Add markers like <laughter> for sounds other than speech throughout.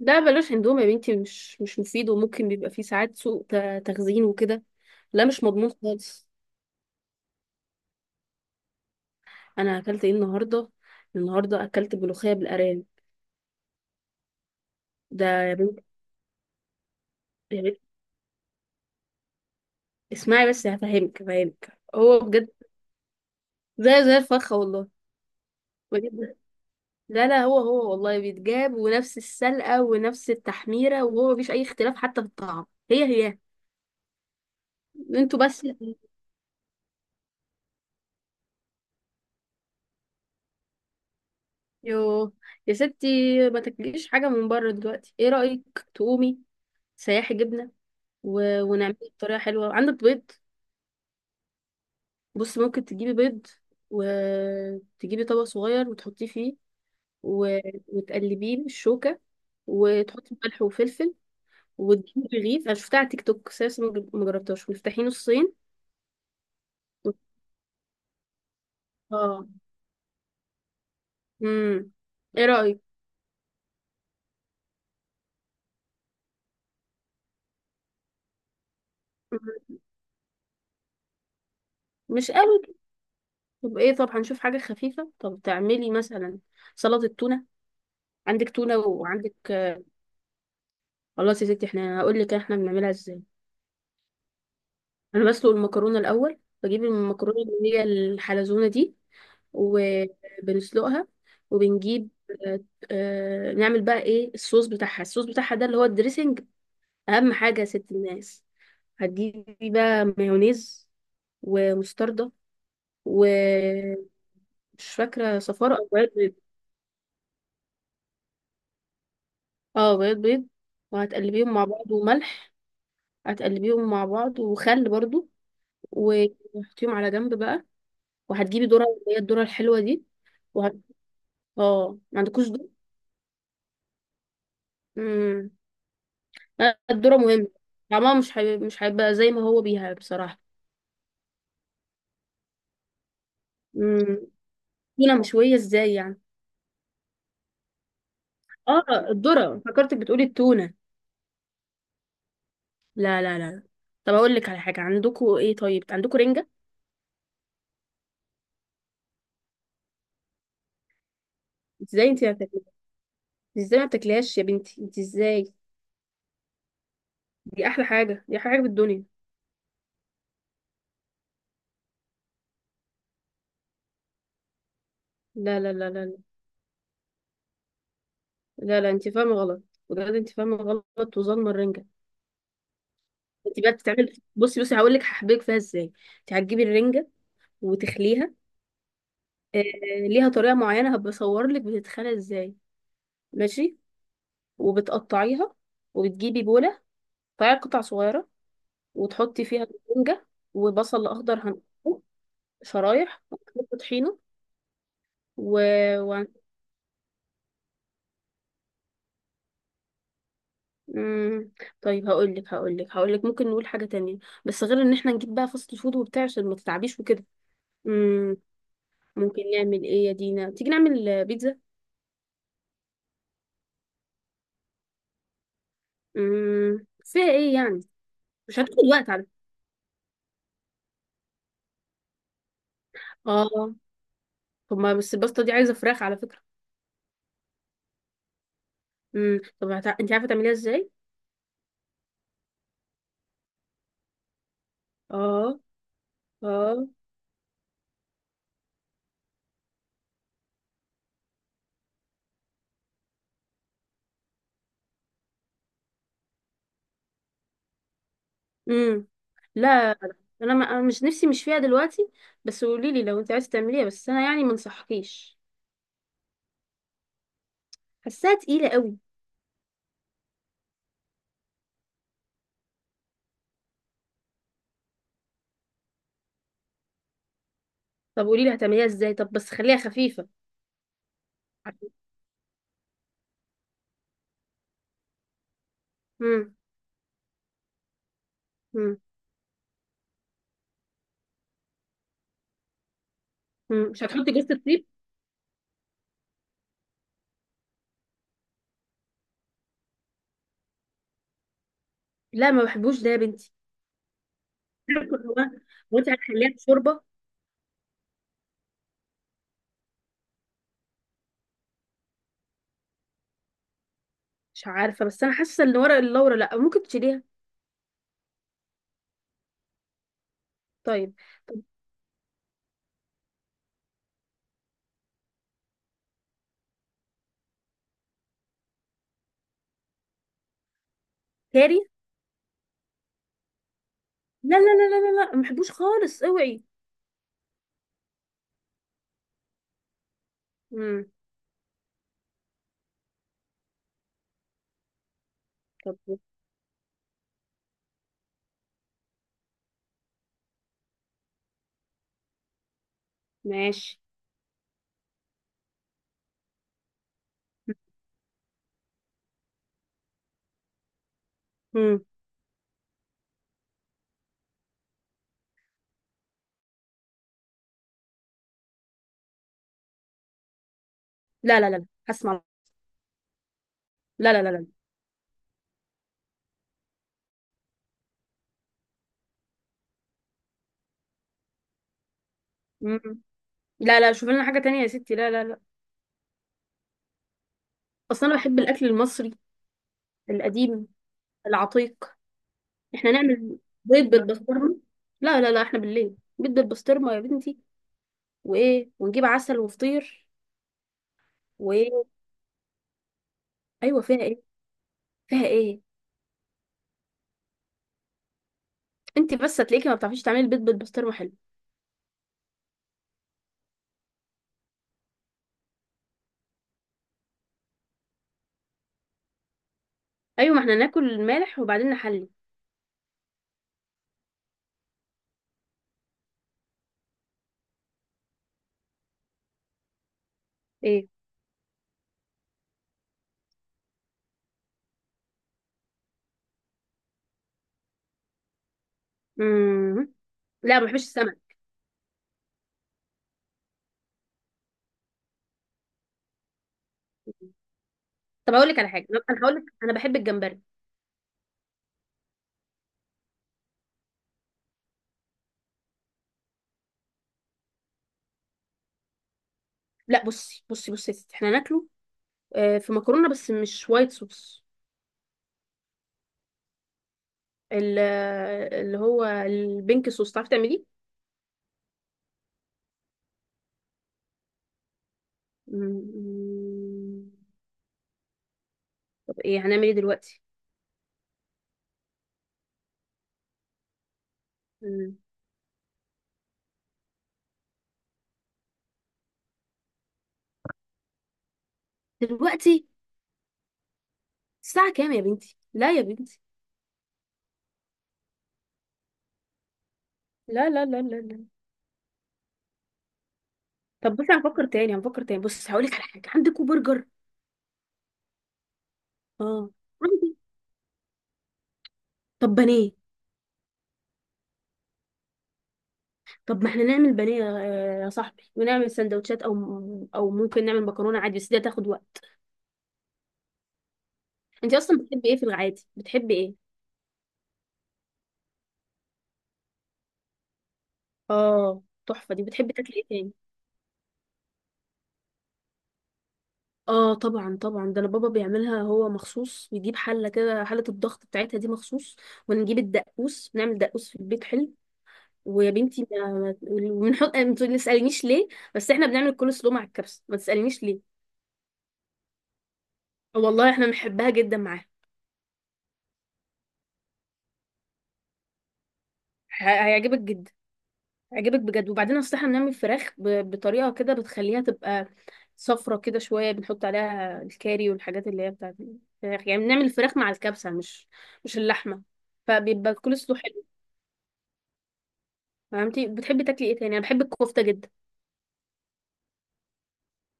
لا، بلاش اندومي يا بنتي. مش مفيد وممكن بيبقى فيه ساعات سوء تخزين وكده. لا مش مضمون خالص. انا اكلت ايه النهارده؟ النهارده اكلت ملوخيه بالارانب. ده يا بنت، يا بنت اسمعي بس. هفهمك هفهمك هو بجد زي الفخه والله. بجد. لا لا، هو والله بيتجاب ونفس السلقه ونفس التحميره، وهو مفيش اي اختلاف حتى في الطعم. هي. انتوا بس. يو، يا ستي ما تاكليش حاجه من بره دلوقتي. ايه رايك تقومي سياحي جبنه؟ ونعمله بطريقة حلوة. عندك بيض؟ بص، ممكن تجيبي بيض وتجيبي طبق صغير وتحطيه فيه، و... وتقلبيه بالشوكة، وتحطي ملح وفلفل، وتجيبي رغيف. انا شفتها على تيك توك بس لسه ما جربتهاش. وتفتحيه نصين وت- اه امم ايه رأيك؟ مم. مش قوي كده. طب ايه؟ طب هنشوف حاجة خفيفة. طب تعملي مثلا سلطة تونة. عندك تونة وعندك... خلاص يا ستي، احنا هقول لك احنا بنعملها ازاي. انا بسلق المكرونه الاول. بجيب المكرونه اللي هي الحلزونه دي وبنسلقها، وبنجيب. آه، نعمل بقى ايه الصوص بتاعها؟ الصوص بتاعها ده اللي هو الدريسنج. اهم حاجه يا ست الناس، هتجيبي بقى مايونيز ومستردة ومش فاكره صفار او بياض بيض. اه، بياض بيض. وهتقلبيهم مع بعض وملح. هتقلبيهم مع بعض وخل برضو. وتحطيهم على جنب بقى. وهتجيبي ذره، اللي هي الذره الحلوه دي. اه، ما عندكوش ذوق. امم لا، الذرة مهمة. طعمها مش هيبقى زي ما هو بيها بصراحة. امم تونة مشوية ازاي يعني؟ اه، الذرة. فكرتك بتقولي التونة. لا لا لا. طب اقول لك على حاجة، عندكوا ايه؟ طيب عندكوا رنجة؟ ازاي انت ما بتاكليها؟ ازاي ما بتاكليهاش يا بنتي؟ انت ازاي؟ دي احلى حاجة، دي احلى حاجة في الدنيا. لا لا لا لا لا. لا, لا انت فاهمة غلط. بجد انت فاهمة غلط وظالمة الرنجة. انت بقى بتتعمل. بصي بصي، هقول لك هحبك فيها ازاي. انت هتجيبي الرنجة وتخليها، آه، ليها طريقة معينة هبصور لك بتتخلى ازاي. ماشي. وبتقطعيها. وبتجيبي بولة. تقطعي قطع صغيرة، وتحطي فيها الرنجة. وبصل أخضر هنقطعه شرايح، وهنحط طحينة. و... و... مم... طيب، هقول لك ممكن نقول حاجة تانية، بس غير ان احنا نجيب بقى فاست فود وبتاع عشان ما تتعبيش وكده. مم... ممكن نعمل ايه يا دينا؟ تيجي نعمل بيتزا؟ فيها ايه يعني؟ مش هتاخد وقت على فكرة. اه. طب ما بس الباستا دي عايزة فراخ على فكرة. طب انت عارفه تعمليها ازاي؟ اه اه امم لا، انا ما... أنا مش نفسي، مش فيها دلوقتي. بس قولي لي لو انت عايزه تعمليها، بس انا يعني ما انصحكيش. حاساها تقيله قوي. طب قولي لي هتعمليها ازاي. طب بس خليها خفيفه. امم امم مش هتحطي جوز الطيب؟ لا ما بحبوش ده يا بنتي. <laughs> عارفة. هو انت هتخليها شوربه. مش عارفه، بس انا حاسه ان ورق اللورا لا، ممكن تشيليها. طيب. طب. كاري؟ لا لا لا لا لا لا، ما بحبوش خالص، اوعي. امم طب. ماشي. مم. لا لا لا لا. هسمع. لا لا لا لا. مم. لا لا، شوف لنا حاجة تانية يا ستي. لا لا لا. أصلا أنا بحب الأكل المصري القديم العتيق. إحنا نعمل بيض بالبسطرمة. لا لا لا، إحنا بالليل بيض بالبسطرمة يا بنتي. وإيه، ونجيب عسل وفطير. وإيه؟ أيوة، فيها إيه؟ فيها إيه؟ أنت بس هتلاقيكي ما بتعرفيش تعملي بيض بالبسطرمة حلو. أيوة، ما إحنا ناكل مالح وبعدين نحلي. إيه؟ مم. لا، ما بحبش السمك. طب أقول لك على حاجة، أنا هقول لك أنا بحب الجمبري. لا، بصي بصي بصي يا ستي إحنا ناكله في مكرونه، بس مش وايت صوص. ال- اللي هو البينك صوص، تعرفي تعمليه؟ مم. طب ايه، هنعمل ايه دلوقتي؟ مم. دلوقتي؟ الساعه كام يا بنتي؟ لا يا بنتي. لا لا لا لا لا. طب بصي، هنفكر تاني هنفكر تاني. بص هقول لك على حاجه، عندكوا برجر؟ اه عندي. طب بانيه؟ طب ما احنا نعمل بانيه يا صاحبي ونعمل سندوتشات، او ممكن نعمل مكرونه عادي، بس دي هتاخد وقت. انت اصلا بتحبي ايه في العادي؟ بتحبي ايه؟ اه، تحفه دي. بتحبي تاكلي ايه تاني؟ اه طبعا طبعا، ده انا بابا بيعملها هو مخصوص. بيجيب حله كده، حله الضغط بتاعتها دي مخصوص. ونجيب الدقوس، نعمل دقوس في البيت حلو. ويا بنتي وبنحط، ما تسالنيش ليه، بس احنا بنعمل الكول سلو مع الكبسه. ما تسالنيش ليه، والله احنا بنحبها جدا معاها. هيعجبك جدا. هيعجبك بجد. وبعدين اصل احنا بنعمل فراخ بطريقه كده، بتخليها تبقى صفرة كده شويه. بنحط عليها الكاري والحاجات اللي هي بتاعت الفراخ يعني. بنعمل الفراخ مع الكبسه، مش اللحمه. فبيبقى الكول سلو حلو. فهمتي؟ بتحبي تاكلي ايه تاني؟ انا بحب الكفته جدا.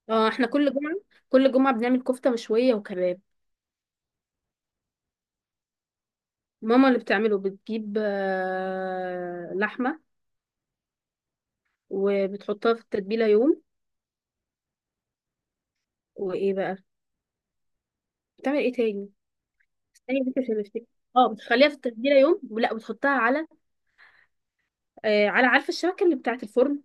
اه، احنا كل جمعه، كل جمعه بنعمل كفته مشويه وكباب. ماما اللي بتعمله بتجيب لحمه، وبتحطها في التتبيله يوم. وايه بقى؟ بتعمل ايه تاني؟ استني بس عشان افتكر. اه، بتخليها في التتبيله يوم، ولا بتحطها على... على، عارفه الشبكه اللي بتاعه الفرن؟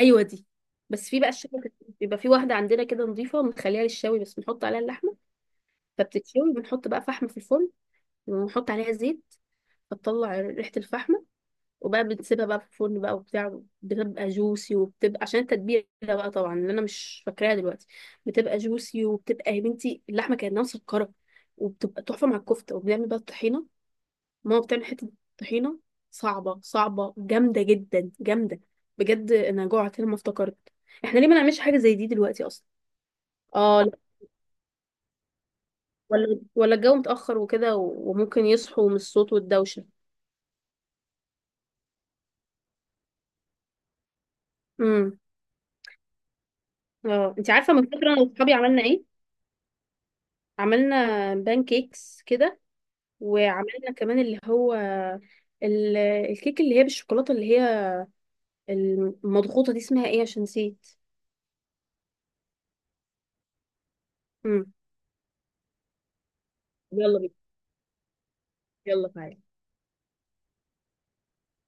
ايوه دي. بس في بقى الشبكه، بيبقى في واحده عندنا كده نظيفه بنخليها للشوي بس، بنحط عليها اللحمه فبتتشوي. بنحط بقى فحم في الفرن، ونحط عليها زيت، فتطلع ريحه الفحم. وبقى بتسيبها بقى في الفرن بقى وبتاع، بتبقى جوسي وبتبقى عشان التتبيله بقى، طبعا، اللي انا مش فاكراها دلوقتي. بتبقى جوسي وبتبقى يا بنتي اللحمه كانها مسكره. وبتبقى تحفه مع الكفته. وبنعمل بقى الطحينه. ماما بتعمل حته طحينه صعبه، صعبه، جامده جدا، جامده. بجد انا جوعت لما افتكرت. احنا ليه ما نعملش حاجه زي دي دلوقتي اصلا؟ اه لا، ولا الجو متاخر وكده، وممكن يصحوا من الصوت والدوشه. امم اه، انت عارفه من فتره انا واصحابي عملنا ايه؟ عملنا بان كيكس كده. وعملنا كمان اللي هو الكيك اللي هي بالشوكولاته، اللي هي المضغوطه دي، اسمها ايه عشان نسيت. امم يلا بينا. يلا تعالى.